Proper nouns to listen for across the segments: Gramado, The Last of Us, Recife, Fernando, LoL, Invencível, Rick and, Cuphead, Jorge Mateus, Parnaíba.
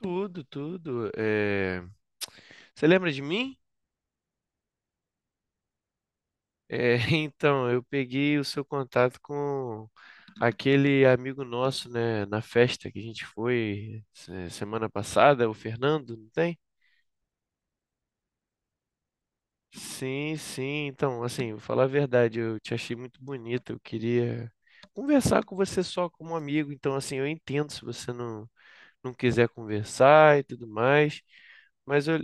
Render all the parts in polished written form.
Tudo, tudo. Você lembra de mim? Então, eu peguei o seu contato com aquele amigo nosso, né, na festa que a gente foi semana passada, o Fernando, não tem? Sim, sim. Então, assim, vou falar a verdade, eu te achei muito bonita. Eu queria conversar com você só como amigo. Então, assim, eu entendo se você não quiser conversar e tudo mais. Mas eu...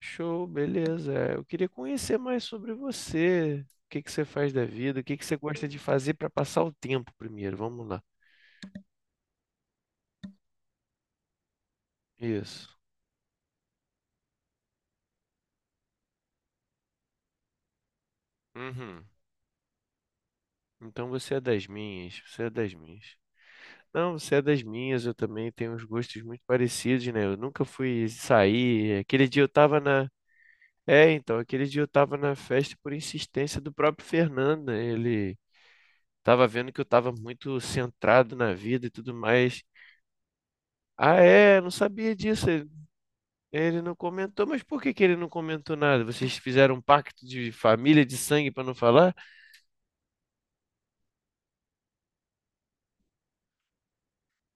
Show, beleza. Eu queria conhecer mais sobre você. O que que você faz da vida? O que que você gosta de fazer para passar o tempo primeiro? Vamos lá. Isso. Uhum. Então você é das minhas. Você é das minhas. Não, você é das minhas. Eu também tenho uns gostos muito parecidos, né? Eu nunca fui sair. Aquele dia eu tava na... Então, aquele dia eu tava na festa por insistência do próprio Fernando, né? Ele tava vendo que eu tava muito centrado na vida e tudo mais. Ah, é, não sabia disso. Ele não comentou, mas por que que ele não comentou nada? Vocês fizeram um pacto de família, de sangue pra não falar?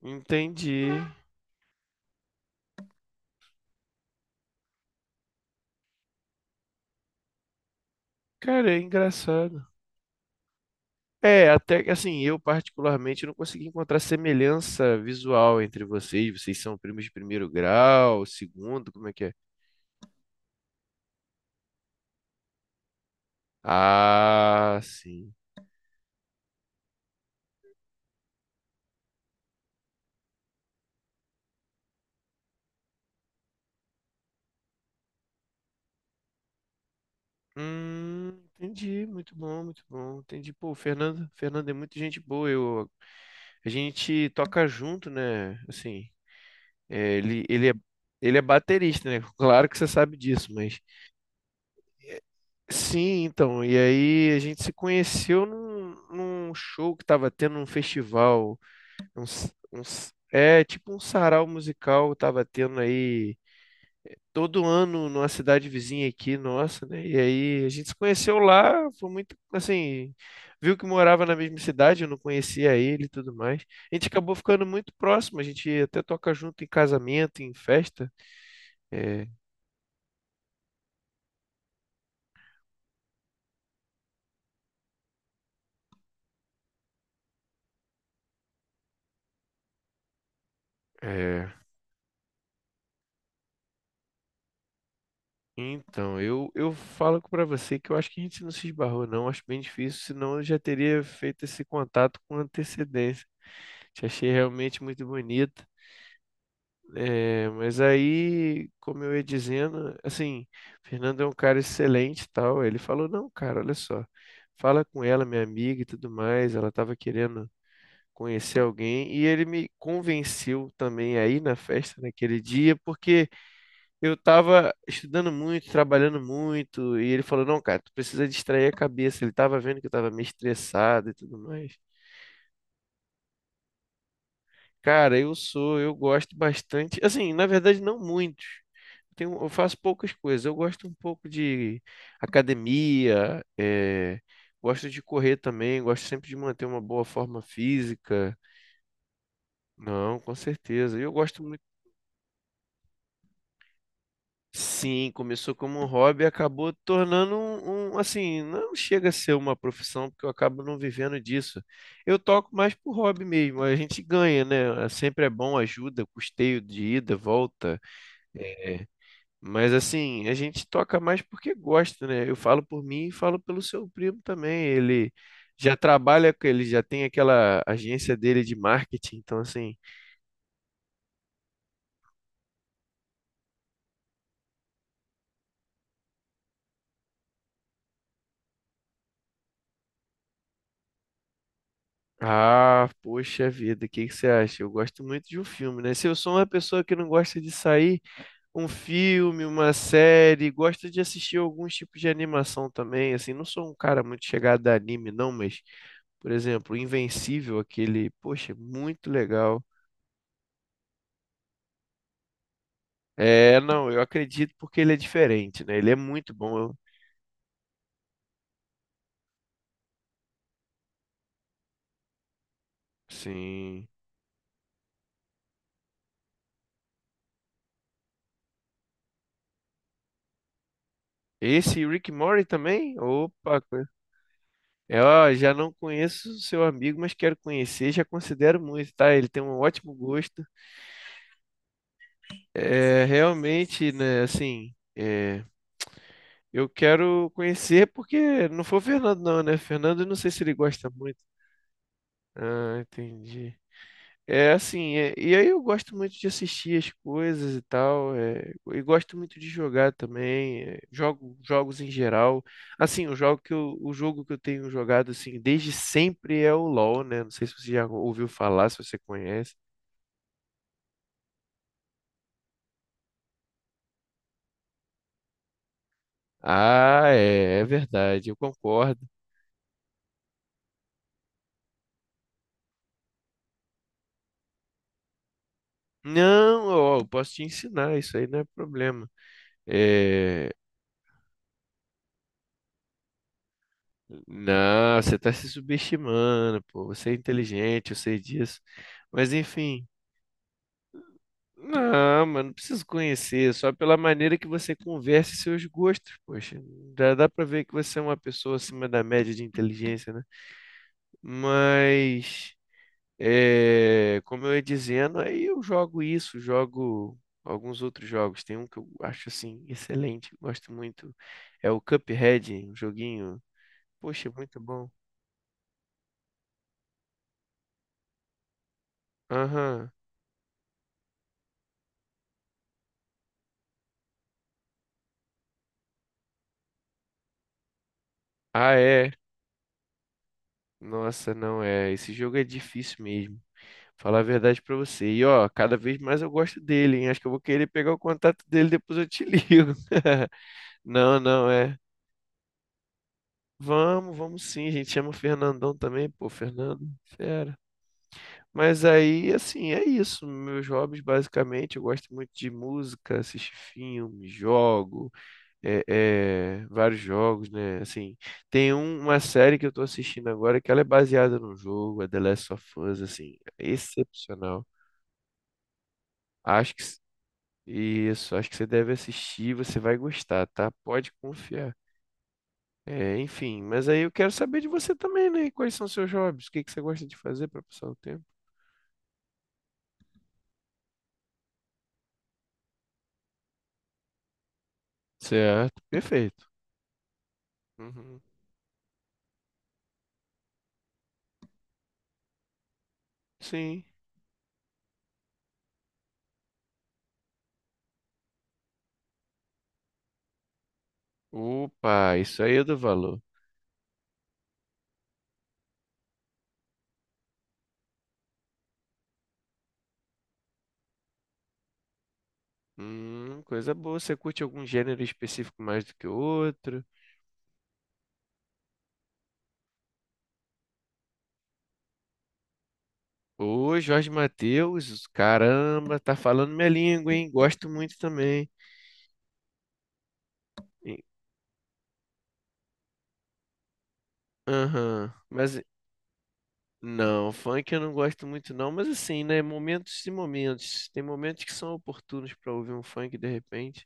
Entendi. Cara, é engraçado. É, até que assim, eu particularmente não consegui encontrar semelhança visual entre vocês. Vocês são primos de primeiro grau, segundo, como é que é? Ah, sim. Hum, entendi. Muito bom, muito bom. Entendi. Pô, o Fernando, Fernando é muito gente boa. A gente toca junto, né? Assim. É, ele, ele é, ele é baterista, né? Claro que você sabe disso, mas... é, Sim, então. E aí a gente se conheceu num show que tava tendo num festival. Tipo um sarau musical tava tendo aí todo ano numa cidade vizinha aqui, nossa, né? E aí a gente se conheceu lá, foi muito, assim... Viu que morava na mesma cidade, eu não conhecia ele e tudo mais. A gente acabou ficando muito próximo, a gente até toca junto em casamento, em festa. é, É, então, eu falo pra você que eu acho que a gente não se esbarrou, não. Acho bem difícil, senão eu já teria feito esse contato com antecedência. Te achei realmente muito bonita. Mas aí, como eu ia dizendo, assim, Fernando é um cara excelente e tal. Ele falou: "Não, cara, olha só, fala com ela, minha amiga e tudo mais." Ela estava querendo conhecer alguém e ele me convenceu também aí na festa naquele dia, porque eu tava estudando muito, trabalhando muito, e ele falou: "Não, cara, tu precisa distrair a cabeça." Ele tava vendo que eu tava meio estressado e tudo mais. Cara, eu gosto bastante. Assim, na verdade, não muito. Eu faço poucas coisas. Eu gosto um pouco de academia, gosto de correr também, gosto sempre de manter uma boa forma física. Não, com certeza. E eu gosto... Sim, começou como um hobby e acabou tornando um, assim, não chega a ser uma profissão, porque eu acabo não vivendo disso. Eu toco mais por hobby mesmo, a gente ganha, né? Sempre é bom, ajuda, custeio de ida, volta. É. Mas assim, a gente toca mais porque gosta, né? Eu falo por mim e falo pelo seu primo também. Ele já trabalha, ele já tem aquela agência dele de marketing, então assim... Ah, poxa vida, o que que você acha? Eu gosto muito de um filme, né? Se eu sou uma pessoa que não gosta de sair, um filme, uma série, gosto de assistir alguns tipos de animação também, assim, não sou um cara muito chegado a anime, não, mas, por exemplo, Invencível, aquele, poxa, muito legal. É, não, eu acredito porque ele é diferente, né? Ele é muito bom, sim. Esse Rick and também? Opa. É, ó, já não conheço o seu amigo, mas quero conhecer, já considero muito, tá? Ele tem um ótimo gosto. É, realmente, né, assim, eu quero conhecer porque não foi o Fernando não, né? Fernando, eu não sei se ele gosta muito. Ah, entendi. É assim, e aí eu gosto muito de assistir as coisas e tal, e gosto muito de jogar também, jogo jogos em geral. Assim, o jogo que eu tenho jogado assim desde sempre é o LoL, né? Não sei se você já ouviu falar, se você conhece. Ah, é verdade, eu concordo. Não, ó, eu posso te ensinar, isso aí não é problema. É, não, você está se subestimando, pô, você é inteligente, eu sei disso. Mas enfim. Não, mano, não preciso conhecer, só pela maneira que você conversa e seus gostos, poxa. Já dá pra ver que você é uma pessoa acima da média de inteligência, né? Mas, como eu ia dizendo, aí eu jogo isso, jogo alguns outros jogos. Tem um que eu acho, assim, excelente, gosto muito. É o Cuphead, um joguinho, poxa, muito bom. Aham. Ah, é. Nossa, não é? Esse jogo é difícil mesmo. Falar a verdade pra você. E ó, cada vez mais eu gosto dele, hein? Acho que eu vou querer pegar o contato dele, depois eu te ligo. Não, não, é. Vamos, vamos sim, a gente. Chama o Fernandão também, pô, Fernando, fera. Mas aí, assim, é isso. Meus hobbies, basicamente, eu gosto muito de música, assistir filme, jogo, vários jogos, né? Assim, tem uma série que eu tô assistindo agora que ela é baseada num jogo, a The Last of Us, assim, excepcional. Acho que Isso, acho que você deve assistir, você vai gostar, tá? Pode confiar. É, enfim, mas aí eu quero saber de você também, né? Quais são seus hobbies? O que que você gosta de fazer para passar o tempo? Certo, perfeito. Uhum. Sim. Opa, isso aí é do valor. Coisa boa. Você curte algum gênero específico mais do que outro? Ô, Jorge Mateus, caramba, tá falando minha língua, hein? Gosto muito também. E- Aham. Mas... Não, funk eu não gosto muito não, mas assim, né, momentos e momentos. Tem momentos que são oportunos pra ouvir um funk de repente.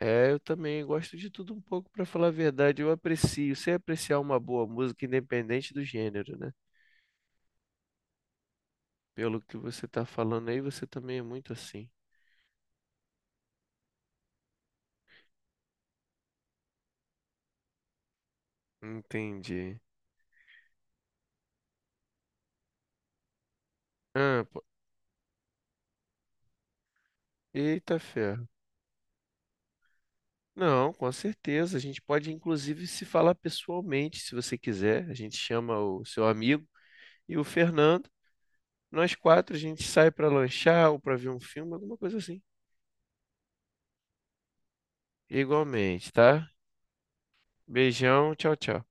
É, eu também gosto de tudo um pouco, pra falar a verdade. Eu aprecio, sei apreciar uma boa música independente do gênero, né? Pelo que você tá falando aí, você também é muito assim. Entendi. Ah, pô. Eita ferro. Não, com certeza. A gente pode inclusive se falar pessoalmente, se você quiser. A gente chama o seu amigo e o Fernando. Nós quatro, a gente sai pra lanchar ou pra ver um filme, alguma coisa assim. Igualmente, tá? Beijão, tchau, tchau.